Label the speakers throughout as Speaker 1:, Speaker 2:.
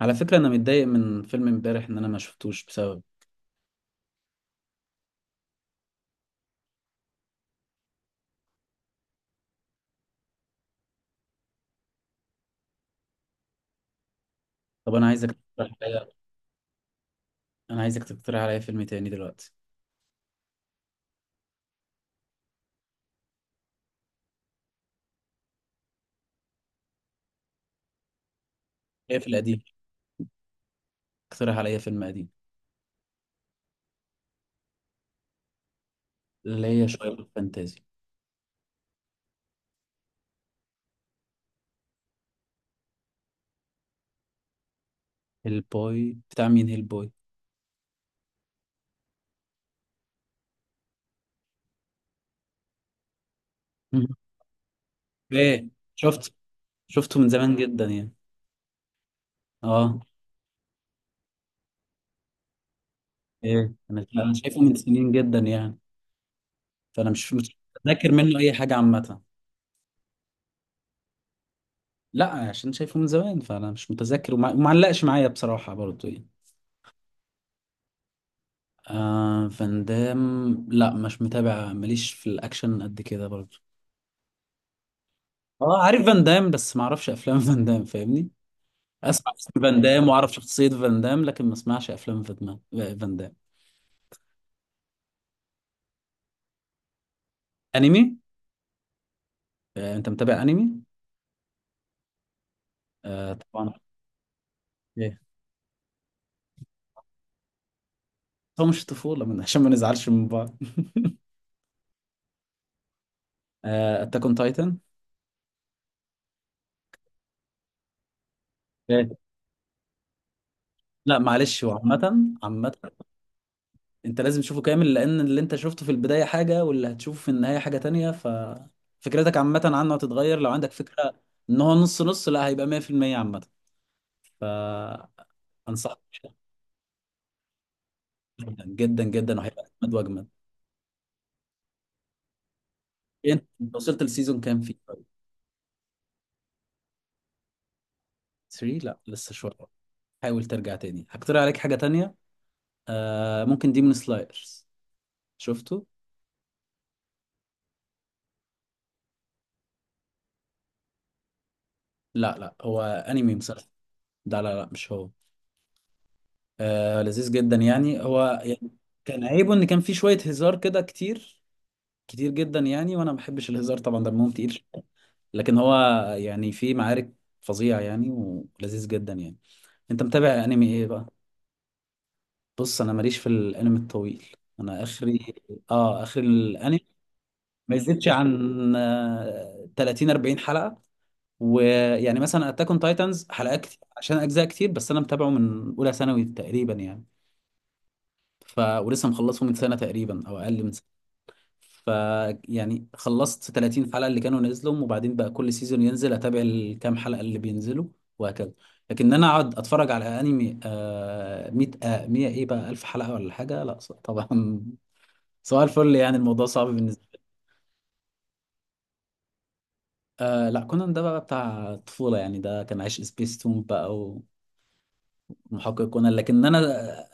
Speaker 1: على فكرة، أنا متضايق من فيلم امبارح إن أنا ما شفتوش بسبب. طب أنا عايزك تقترح عليا. أنا عايزك تقترح عليا فيلم تاني دلوقتي. إيه في القديم؟ اقترح عليا فيلم قديم. اللي هي شوية فانتازي. هيلبوي بتاع مين هيلبوي؟ إيه؟ شفت. شفته من زمان جدا يعني. أه. إيه. أنا شايفه من سنين جدا يعني. فأنا مش متذاكر منه أي حاجة عامة. لا، عشان شايفه من زمان فأنا مش متذكر ومعلقش معايا بصراحة برضه يعني. آه، فان دام. لا مش متابع، ماليش في الاكشن قد كده برضه. اه عارف فان دام بس ما اعرفش افلام فان دام، فاهمني. اسمع اسم فان دام واعرف شخصية فان دام لكن ما اسمعش افلام فان دام. فان دام. انمي. آه انت متابع انمي. آه طبعا. ايه. هو مش طفولة من عشان ما نزعلش من بعض. آه، اتاك اون تايتن. لا معلش، هو عامة عامة. انت لازم تشوفه كامل لان اللي انت شفته في البداية حاجة واللي هتشوفه في النهاية حاجة تانية، ففكرتك عامة عنه هتتغير لو عندك فكرة ان هو نص نص. لا، هيبقى 100% عامة. فانصحك. جدا جدا جدا، وهيبقى اجمد واجمد. إيه, انت وصلت للسيزون كام فيه طيب؟ 3. لا لسه شوية. حاول ترجع تاني هقترح عليك حاجة تانية. آه ممكن ديمون سلايرز. شفته. لا لا، هو انمي مسلسل. لا لا لا، مش هو. آه، لذيذ جدا يعني هو يعني. كان عيبه ان كان فيه شوية هزار كده كتير. كتير جدا يعني، وانا ما بحبش الهزار طبعا، دمهم تقيل. لكن هو. يعني في معارك. فظيع يعني ولذيذ جدا يعني. انت متابع انمي ايه بقى؟ بص، انا ماليش في الانمي الطويل. انا اخري. اه اخري الانمي. ما يزيدش عن 30 40 حلقة. ويعني مثلا اتاك اون تايتنز حلقات كتير عشان اجزاء كتير، بس انا متابعه من اولى ثانوي تقريبا يعني. ف ولسه مخلصه من سنة تقريبا او اقل من سنة. ف. يعني خلصت 30 حلقة اللي كانوا نزلهم، وبعدين بقى كل سيزون ينزل اتابع الكام حلقة اللي بينزلوا. وهكذا. لكن انا اقعد اتفرج على انمي 100 100 ايه بقى 1000 حلقة ولا حاجة؟ لا طبعا. سؤال الفل يعني، الموضوع صعب بالنسبة لي. آه لا، كونان ده بقى بتاع الطفولة يعني، ده كان عايش سبيس تون بقى. محقق كونان لكن انا.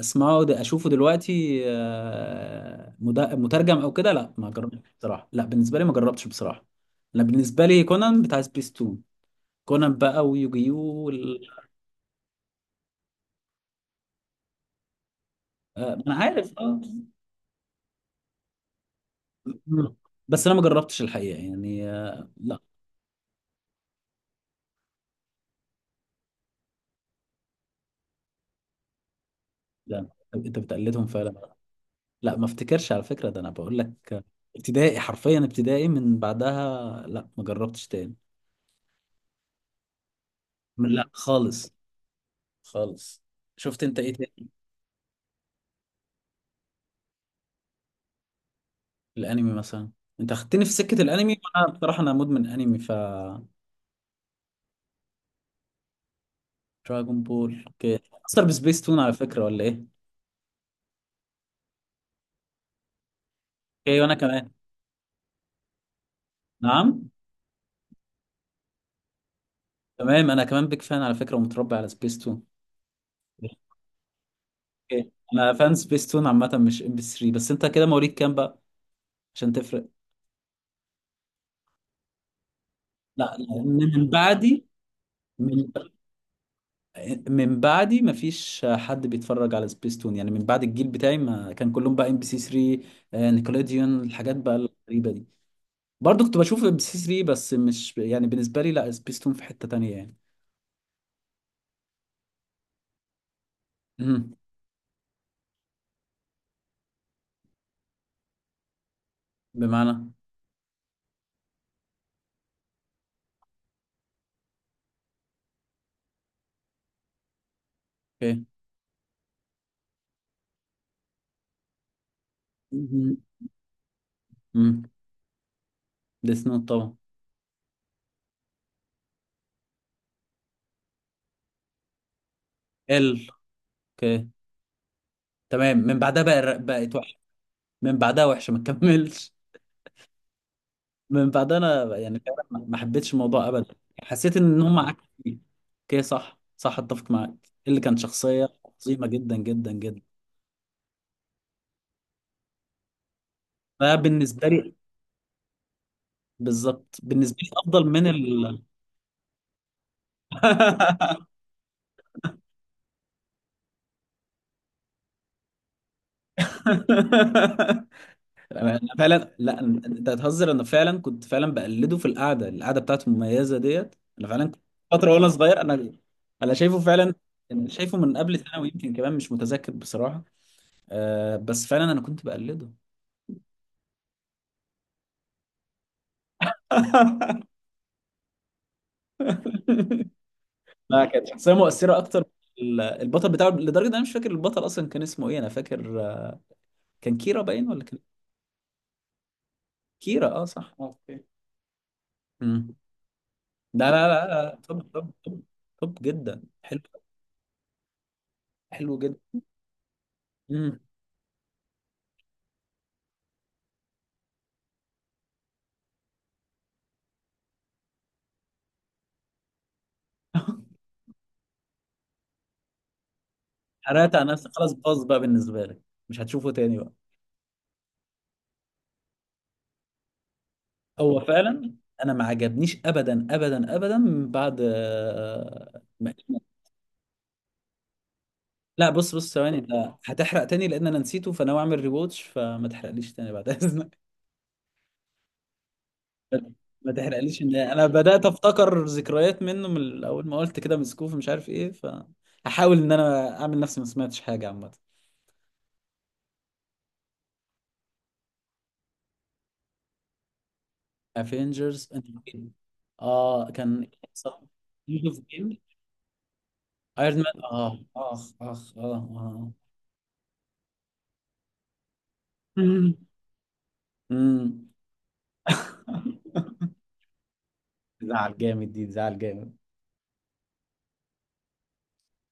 Speaker 1: اشوفه دلوقتي مترجم او كده، لا ما جربتش بصراحه، لا بالنسبه لي ما جربتش بصراحه. انا بالنسبه لي كونان بتاع سبيس تون. كونان بقى ويوجيو وال... ما انا عارف اه. م- بس انا ما جربتش الحقيقه يعني لا. لا انت بتقلدهم فعلا. لا ما افتكرش على فكره، ده انا بقول لك. ابتدائي حرفيا، ابتدائي من بعدها لا ما جربتش تاني. لا خالص. خالص. شفت انت ايه؟ الانمي مثلا. انت اخدتني في سكه الانمي وانا بصراحه انا مدمن انمي ف. دراجون بول اوكي. اثر بسبيس تون على فكره ولا ايه؟ اوكي وانا كمان. نعم. تمام انا كمان بيك فان على فكره ومتربي على سبيس تون. اوكي انا فان سبيس تون عامه مش ام بي 3 بس. انت كده مواليد كام بقى؟ عشان تفرق. لا لا، من بعدي. من من بعدي ما فيش حد بيتفرج على سبيس تون يعني، من بعد الجيل بتاعي ما كان كلهم بقى ام بي سي 3. نيكولوديون الحاجات بقى الغريبه دي. برضو كنت بشوف ام سي 3 بس مش يعني بالنسبه لي، لا سبيستون في حته تانية يعني. امم بمعنى. اوكي. امم ديس نوت طبعا. ال اوكي. تمام من بعدها بقى بقت وحشه. من بعدها وحشه، ما تكملش. من بعدها انا يعني فعلا ما حبيتش الموضوع ابدا. حسيت ان هم عكس فيه. اوكي صح صح، اتفق معاك. اللي كان شخصيه. عظيمه جدا جدا جدا. ده بالنسبه لي. بالظبط بالنسبه لي افضل من ال. انا فعلا لا انت هتهزر، انا فعلا كنت فعلا بقلده في القعده القعده بتاعته المميزه ديت. انا فعلا كنت فتره وانا صغير انا. انا شايفه فعلا. أنا شايفه من قبل ثانوي يمكن كمان، مش متذكر بصراحه. أه بس فعلا انا كنت بقلده. لا كانت شخصيه مؤثره اكتر. البطل بتاعه لدرجه ان انا مش فاكر البطل اصلا كان اسمه ايه. انا فاكر كان كيرا باين ولا كان. كيرا اه صح اوكي. امم. لا لا لا لا طب طب طب. طب جدا حلو. حلو جدا. امم. حرقت على نفسك خلاص باظ بقى بالنسبه لك. مش هتشوفه تاني بقى. هو فعلا. انا ما عجبنيش ابدا ابدا ابدا من بعد ما. لا، بص بص ثواني، ده هتحرق تاني لان انا نسيته فانا اعمل ريواتش، فما تحرقليش تاني بعد اذنك. ما تحرقليش ان انا بدات افتكر ذكريات منه من اول ما قلت كده مسكوف مش عارف ايه، فهحاول ان انا اعمل نفسي ما سمعتش حاجه عامه. افنجرز. اه كان صح. اوف. ايرون مان اه اخ اخ اه اه. امم. زعل جامد دي زعل جامد.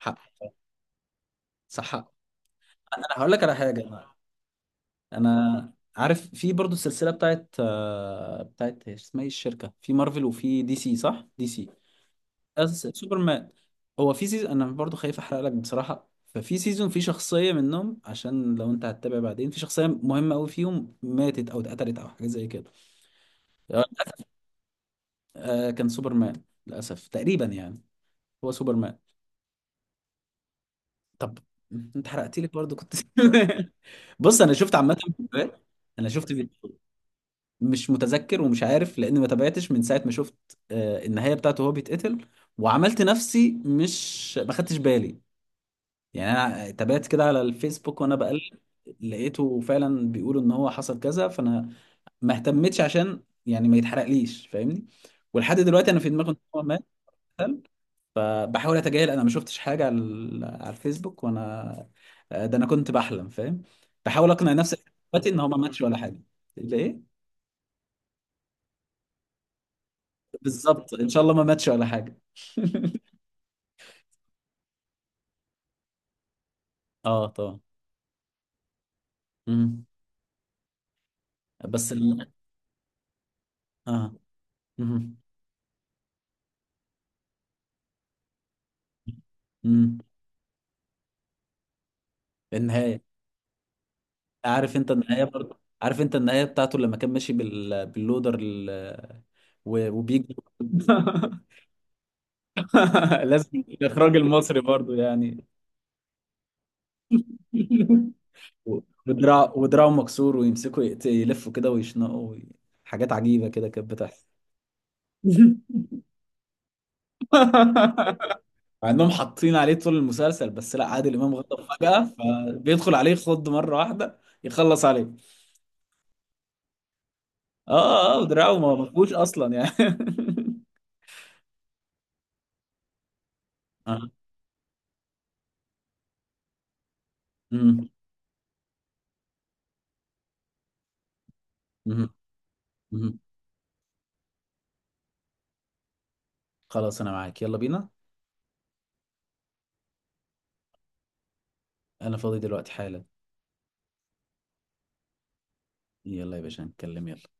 Speaker 1: حق. صح حق. انا هقول لك على حاجه. انا عارف في برضو السلسله بتاعت اسمها ايه الشركه في مارفل وفي دي سي، صح دي سي. سوبرمان. هو في سيزون، انا برضو خايف احرق لك بصراحه، ففي سيزون في شخصيه منهم عشان لو انت هتتابع بعدين في شخصيه مهمه قوي فيهم ماتت او اتقتلت او حاجه زي كده. آه، كان سوبرمان. للاسف تقريبا يعني. هو سوبرمان. طب انت حرقت لك برضه كنت. بص انا شفت عامه فيديوهات. انا شفت فيديو. مش متذكر ومش عارف لان ما تابعتش من ساعه ما شفت النهايه بتاعته وهو بيتقتل. وعملت نفسي مش ما خدتش بالي. يعني انا تابعت كده على الفيسبوك وانا بقلب، لقيته فعلا بيقولوا ان هو حصل كذا، فانا ما اهتمتش عشان يعني ما يتحرقليش فاهمني. ولحد دلوقتي انا في دماغي ان هو مات. بحاول اتجاهل انا ما شفتش حاجه على على الفيسبوك وانا. ده انا كنت بحلم فاهم. بحاول اقنع نفسي دلوقتي ان هو ما ماتش ولا حاجه. ليه. بالظبط ان شاء الله ما ماتش ولا حاجه. اه طبعا. مم. بس ال... اه. مم. مم. النهايه. عارف انت النهايه، برضه عارف انت النهايه بتاعته لما كان ماشي باللودر ال... و... وبيجي. لازم الاخراج المصري برضه يعني. و- ودراعه مكسور ويمسكوا يلفوا كده ويشنقوا وي- حاجات عجيبة كده كانت بتحصل. مع انهم حاطين عليه طول المسلسل، بس لا عادل امام غضب فجأة فبيدخل عليه خض مرة واحدة يخلص عليه. اه اه ودراعه ما مفهوش اصلا يعني. آه. مم. مم. مم. خلاص انا معاك يلا بينا. انا فاضي دلوقتي حالا. يلا يا باشا نتكلم يلا.